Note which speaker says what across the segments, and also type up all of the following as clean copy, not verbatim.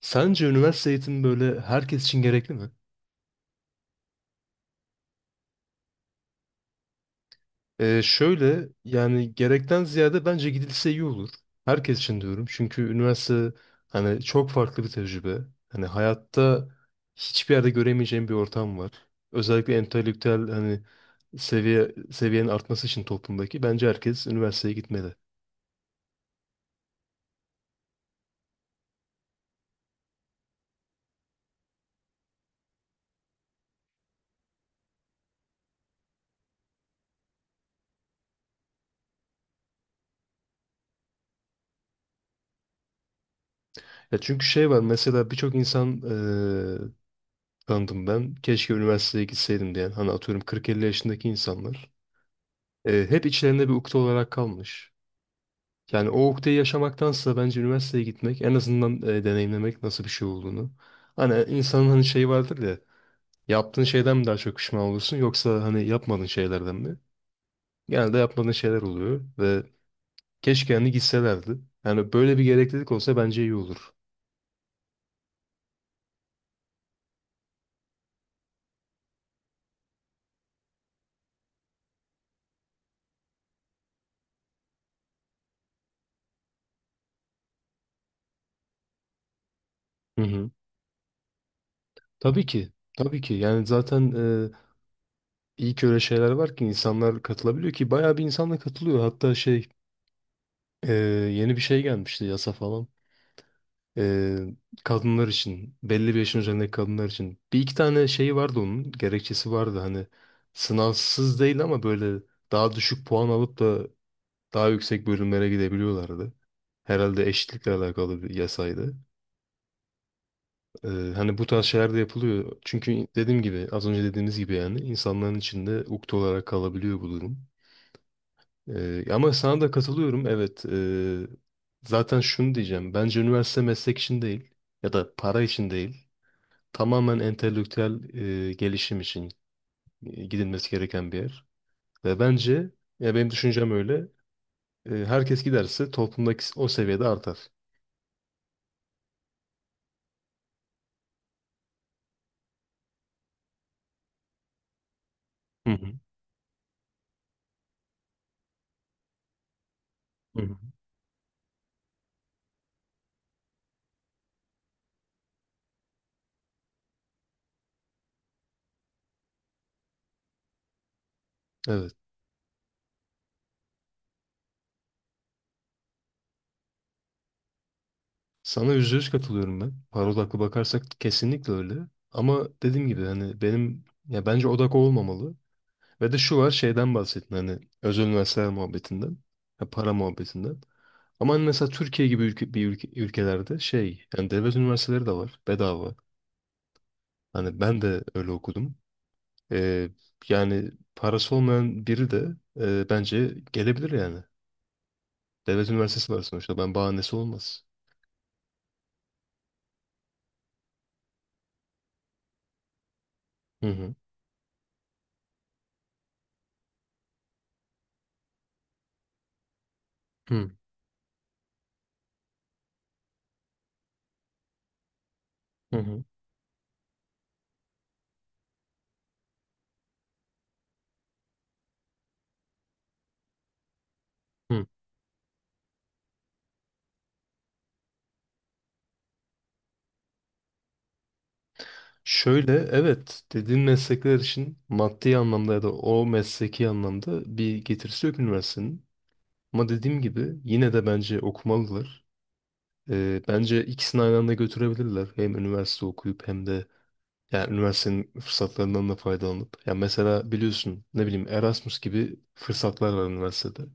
Speaker 1: Sence üniversite eğitimi böyle herkes için gerekli mi? Şöyle yani gerekten ziyade bence gidilse iyi olur. Herkes için diyorum. Çünkü üniversite hani çok farklı bir tecrübe. Hani hayatta hiçbir yerde göremeyeceğim bir ortam var. Özellikle entelektüel hani seviyenin artması için toplumdaki bence herkes üniversiteye gitmeli. Ya çünkü şey var mesela birçok insan tanıdım ben. Keşke üniversiteye gitseydim diyen hani atıyorum 40-50 yaşındaki insanlar. Hep içlerinde bir ukde olarak kalmış. Yani o ukdeyi yaşamaktansa bence üniversiteye gitmek en azından deneyimlemek nasıl bir şey olduğunu. Hani insanın hani şeyi vardır ya, yaptığın şeyden mi daha çok pişman olursun yoksa hani yapmadığın şeylerden mi? Genelde yapmadığın şeyler oluyor ve keşke hani gitselerdi. Yani böyle bir gereklilik olsa bence iyi olur. Hı hı. Tabii ki. Tabii ki. Yani zaten e, iyi ki öyle şeyler var ki insanlar katılabiliyor ki bayağı bir insanla katılıyor. Hatta şey e, yeni bir şey gelmişti yasa falan. Ee, Kadınlar için, belli bir yaşın üzerindeki kadınlar için. Bir iki tane şey vardı onun, gerekçesi vardı. Hani sınavsız değil ama böyle daha düşük puan alıp da daha yüksek bölümlere gidebiliyorlardı. Herhalde eşitlikle alakalı bir yasaydı. Ee, Hani bu tarz şeyler de yapılıyor. Çünkü dediğim gibi, az önce dediğimiz gibi yani insanların içinde ukde olarak kalabiliyor bu durum. Ama sana da katılıyorum. Evet, zaten şunu diyeceğim. Bence üniversite meslek için değil ya da para için değil. Tamamen entelektüel gelişim için gidilmesi gereken bir yer. Ve bence, ya benim düşüncem öyle, herkes giderse toplumdaki o seviyede artar. Hı hı. Hı hı. Evet. Sana yüzde yüz katılıyorum ben. Para odaklı bakarsak kesinlikle öyle. Ama dediğim gibi hani benim ya bence odak o olmamalı. Ve de şu var, şeyden bahsettin hani özel üniversiteler muhabbetinden, ya para muhabbetinden. Ama hani mesela Türkiye gibi ülke, bir ülkelerde şey yani devlet üniversiteleri de var bedava. Hani ben de öyle okudum. Ee, Yani parası olmayan biri de bence gelebilir yani. Devlet üniversitesi var sonuçta. Ben bahanesi olmaz. Hı hı. Hı hı. Hı. Hı. Şöyle evet, dediğin meslekler için maddi anlamda ya da o mesleki anlamda bir getirisi yok üniversitenin. Ama dediğim gibi yine de bence okumalılar. Bence ikisini aynı anda götürebilirler. Hem üniversite okuyup hem de yani üniversitenin fırsatlarından da faydalanıp. Ya mesela biliyorsun ne bileyim Erasmus gibi fırsatlar var üniversitede.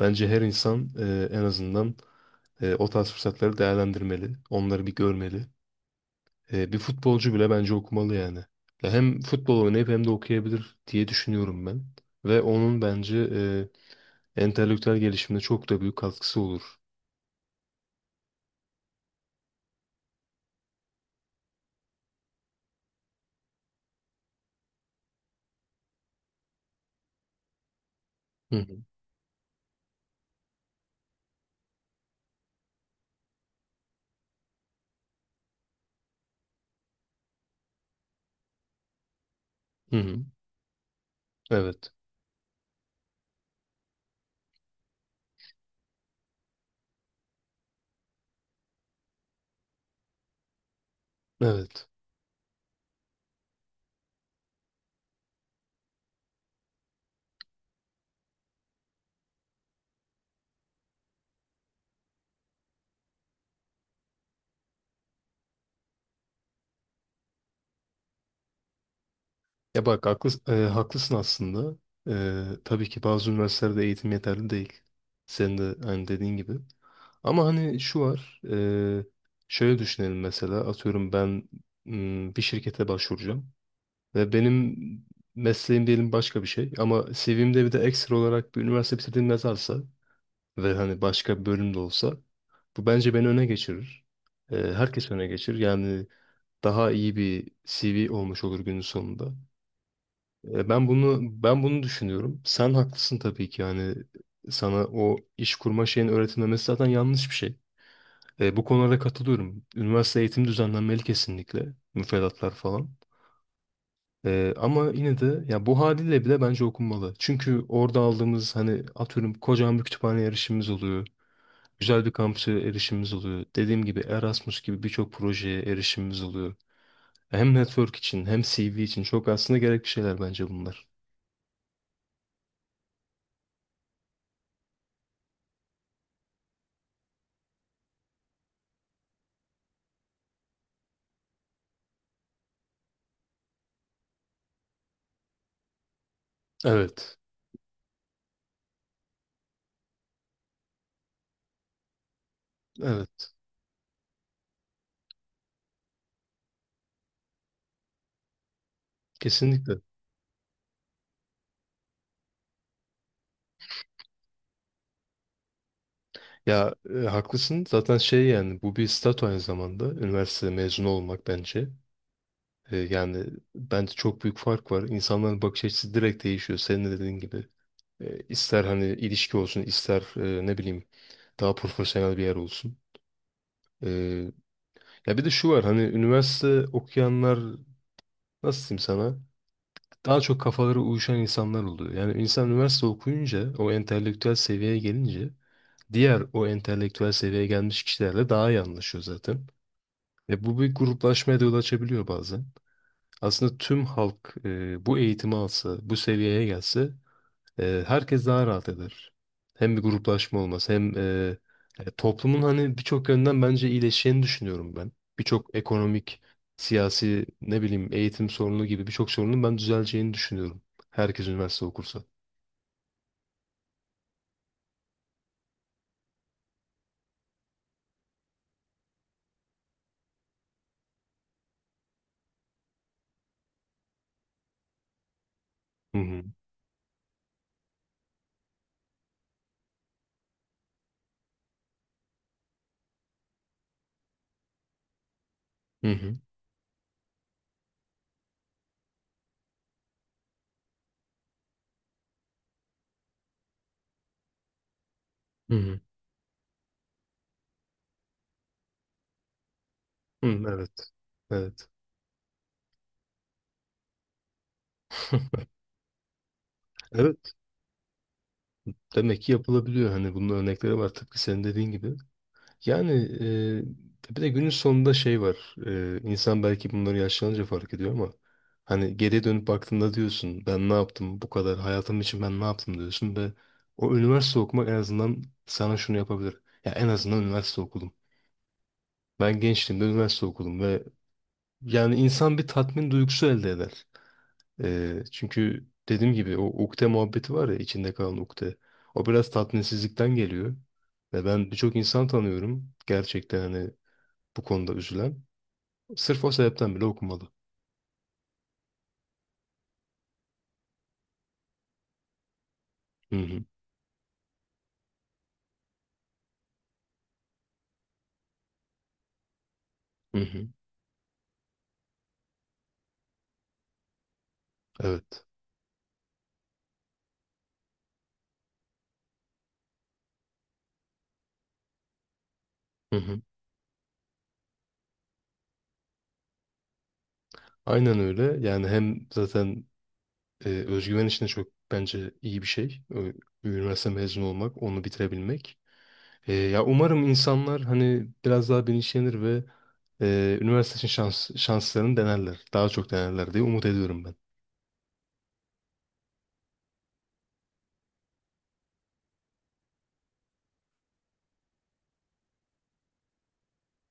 Speaker 1: Bence her insan en azından o tarz fırsatları değerlendirmeli. Onları bir görmeli. E, bir futbolcu bile bence okumalı yani. Ya hem futbol oynayıp hem de okuyabilir diye düşünüyorum ben. Ve onun bence entelektüel gelişimine çok da büyük katkısı olur. Hı hı. Hı hı. Evet. Evet. Ya bak haklısın, haklısın aslında. E, tabii ki bazı üniversitelerde eğitim yeterli değil. Senin de hani dediğin gibi. Ama hani şu var. Şöyle düşünelim mesela. Atıyorum ben bir şirkete başvuracağım. Ve benim mesleğim diyelim başka bir şey. Ama CV'mde bir de ekstra olarak bir üniversite bitirdiğim yazarsa ve hani başka bir bölüm de olsa, bu bence beni öne geçirir. E, herkes öne geçirir. Yani daha iyi bir CV olmuş olur günün sonunda. E, ben bunu düşünüyorum. Sen haklısın tabii ki, yani sana o iş kurma şeyin öğretilmemesi zaten yanlış bir şey. E, bu konularda katılıyorum. Üniversite eğitim düzenlenmeli kesinlikle. Müfredatlar falan. E, ama yine de ya bu haliyle bile bence okunmalı. Çünkü orada aldığımız hani atıyorum kocaman bir kütüphane erişimimiz oluyor. Güzel bir kampüse erişimimiz oluyor. Dediğim gibi Erasmus gibi birçok projeye erişimimiz oluyor. Hem network için hem CV için çok aslında gerekli şeyler bence bunlar. Evet. Evet. Kesinlikle. Ya e, haklısın. Zaten şey yani bu bir statü aynı zamanda. Üniversite mezunu olmak bence. E, yani bence çok büyük fark var. İnsanların bakış açısı direkt değişiyor. Senin de dediğin gibi. E, ister hani ilişki olsun, ister ne bileyim daha profesyonel bir yer olsun. E, ya bir de şu var hani üniversite okuyanlar nasıl diyeyim sana? Daha çok kafaları uyuşan insanlar oluyor. Yani insan üniversite okuyunca o entelektüel seviyeye gelince diğer o entelektüel seviyeye gelmiş kişilerle daha iyi anlaşıyor zaten. Ve bu bir gruplaşmaya da yol açabiliyor bazen. Aslında tüm halk bu eğitimi alsa, bu seviyeye gelse, herkes daha rahat eder. Hem bir gruplaşma olmaz hem toplumun hani birçok yönden bence iyileşeceğini düşünüyorum ben. Birçok ekonomik, siyasi, ne bileyim eğitim sorunu gibi birçok sorunun ben düzeleceğini düşünüyorum. Herkes üniversite okursa. Hı hı. Hı hı. Hı hı. Hı, evet. Evet. Evet. Demek ki yapılabiliyor. Hani bunun örnekleri var tıpkı senin dediğin gibi. Yani bir de günün sonunda şey var. E, insan belki bunları yaşlanınca fark ediyor ama hani geriye dönüp baktığında diyorsun ben ne yaptım bu kadar hayatım için, ben ne yaptım diyorsun ve o üniversite okumak en azından sana şunu yapabilir. Ya en azından üniversite okudum. Ben gençliğimde üniversite okudum ve yani insan bir tatmin duygusu elde eder. E, çünkü dediğim gibi o ukde muhabbeti var ya, içinde kalan ukde. O biraz tatminsizlikten geliyor. Ve ben birçok insan tanıyorum. Gerçekten hani bu konuda üzülen sırf o sebepten bile okumalı. Hı hı, hı hı, evet. Hı hı. Aynen öyle. Yani hem zaten özgüven için de çok bence iyi bir şey. Üniversite mezunu olmak, onu bitirebilmek. E, ya umarım insanlar hani biraz daha bilinçlenir ve üniversite için şanslarını denerler. Daha çok denerler diye umut ediyorum ben.